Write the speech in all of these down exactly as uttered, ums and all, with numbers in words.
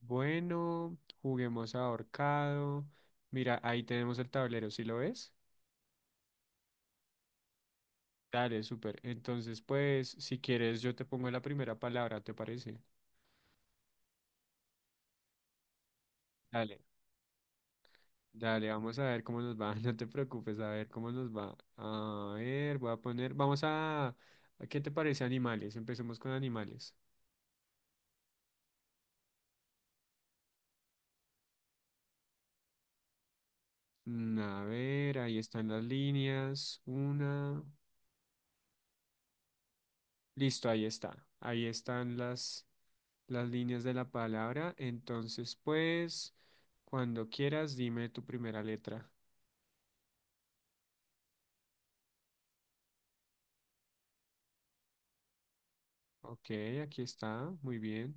Bueno, juguemos ahorcado. Mira, ahí tenemos el tablero, ¿sí lo ves? Dale, súper. Entonces, pues, si quieres, yo te pongo la primera palabra, ¿te parece? Dale. Dale, vamos a ver cómo nos va. No te preocupes, a ver cómo nos va. A ver, voy a poner, vamos a, ¿a ¿qué te parece animales? Empecemos con animales. Mm, A ver, ahí están las líneas. Una. Listo, ahí está. Ahí están las las líneas de la palabra. Entonces, pues, cuando quieras, dime tu primera letra. Ok, aquí está. Muy bien.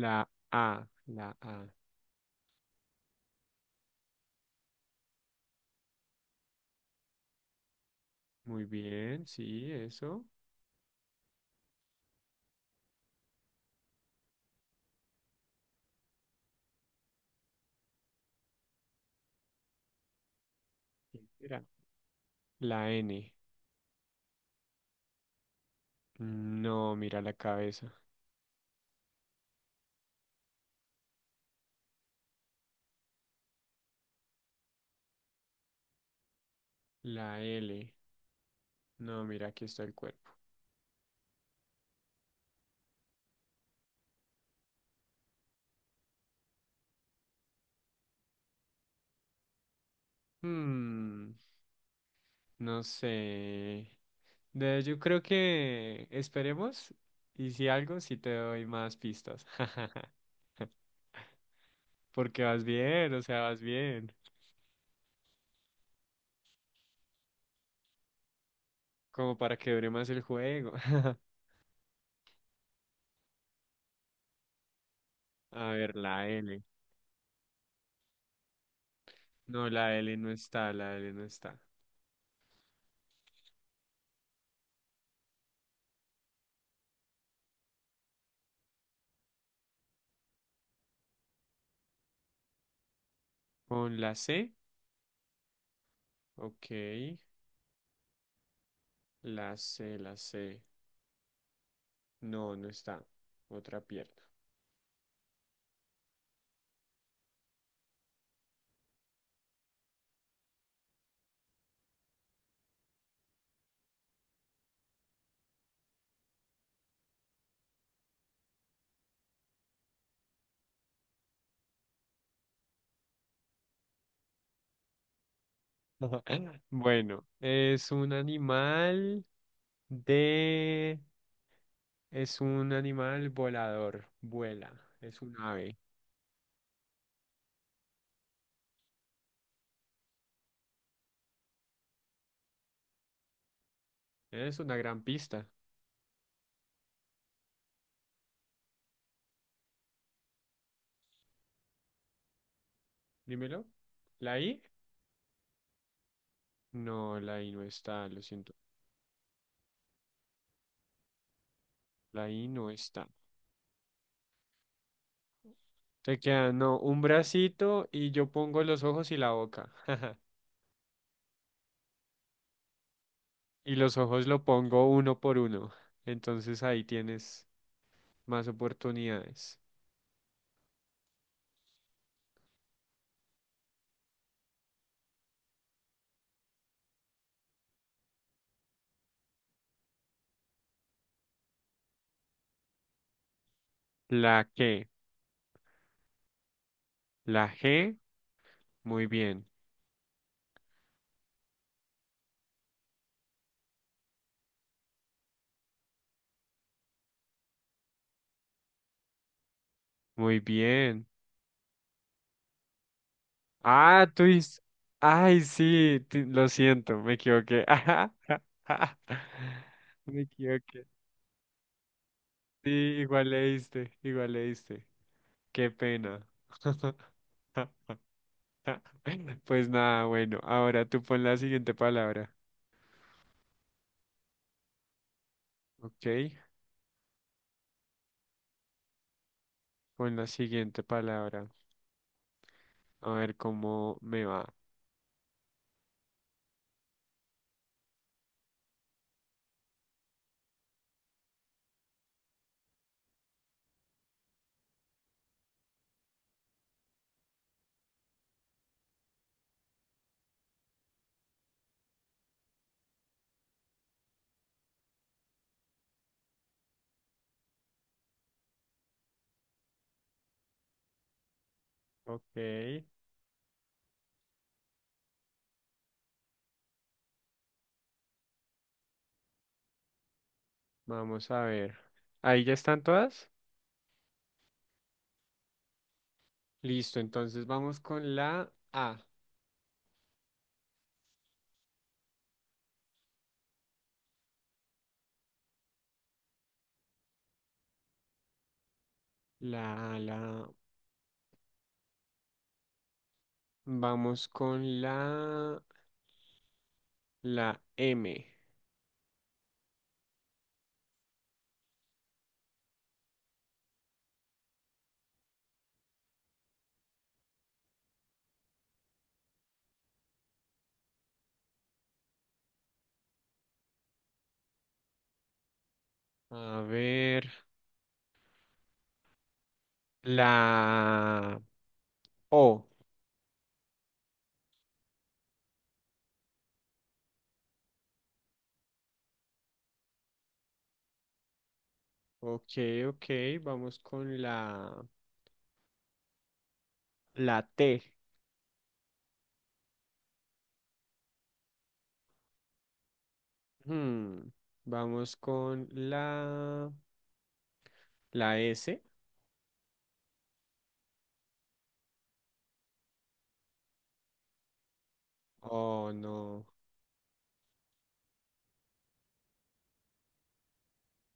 La A, la A. Muy bien, sí, eso. ¿Qué será? La N. No, mira la cabeza. La L. No, mira, aquí está el cuerpo. Hmm, no sé. De- yo creo que esperemos y si algo, sí te doy más pistas. Porque vas bien, o sea, vas bien. Como para que dure más el juego. A ver, la L. No, la L no está, la L no está. Con la C, ok. La C, la C. No, no está. Otra pierna. Bueno, es un animal de... Es un animal volador, vuela, es un ave. Es una gran pista, dímelo. ¿La I? No, la I no está, lo siento. La I no está. Te queda, no, un bracito y yo pongo los ojos y la boca. Y los ojos lo pongo uno por uno. Entonces ahí tienes más oportunidades. La que, la G, muy bien, muy bien. Ah, tú dices, ay, sí, ti- lo siento, me equivoqué. Me equivoqué. Sí, igual leíste, igual leíste. Qué pena. Pues nada, bueno, ahora tú pon la siguiente palabra. Ok, con la siguiente palabra. A ver cómo me va. Ok, vamos a ver. ¿Ahí ya están todas? Listo, entonces vamos con la A. La A, la... Vamos con la... La M. A ver, la O. Ok, ok, vamos con la... La T. Hmm, Vamos con la... La S. Oh, no.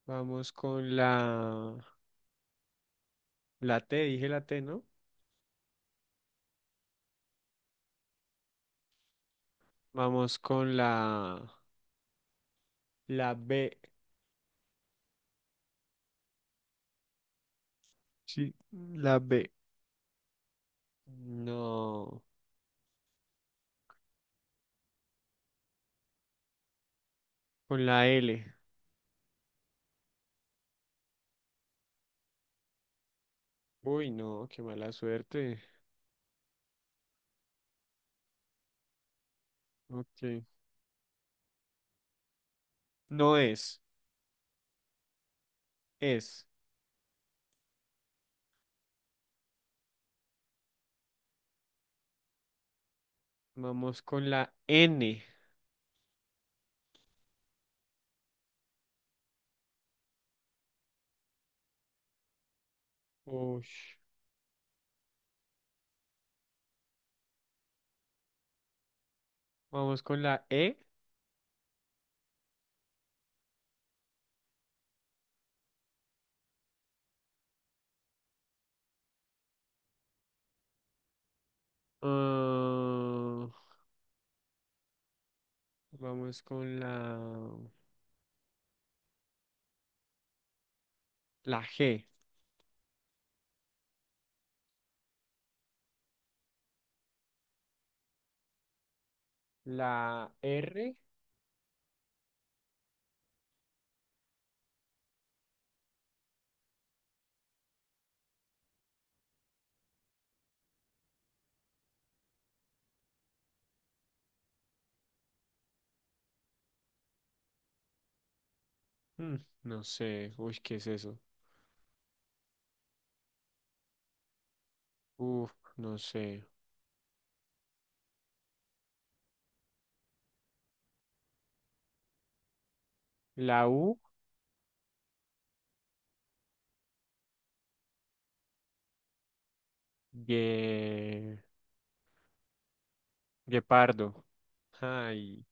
Vamos con la, la T, dije la T, ¿no? Vamos con la, la B. Sí, la B. No, con la L. Uy, no, qué mala suerte. Ok. No es, es. Vamos con la N. Uy. Vamos con la E. Ah, vamos con la, la G. La R. Mm, no sé. Uy, ¿qué es eso? Uf, no sé. La U, Gue- Guepardo. Ay,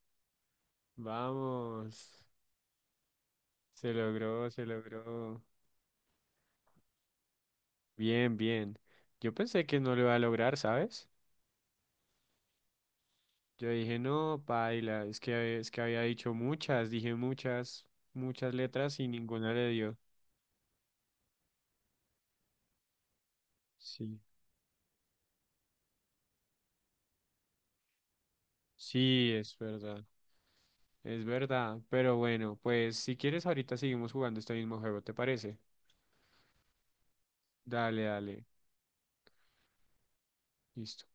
vamos. Se logró, se logró. Bien, bien. Yo pensé que no lo iba a lograr, ¿sabes? Yo dije, no, paila, es que, es que había dicho muchas, dije muchas, muchas letras y ninguna le dio. Sí, sí, es verdad, es verdad. Pero bueno, pues si quieres ahorita seguimos jugando este mismo juego, ¿te parece? Dale, dale, listo.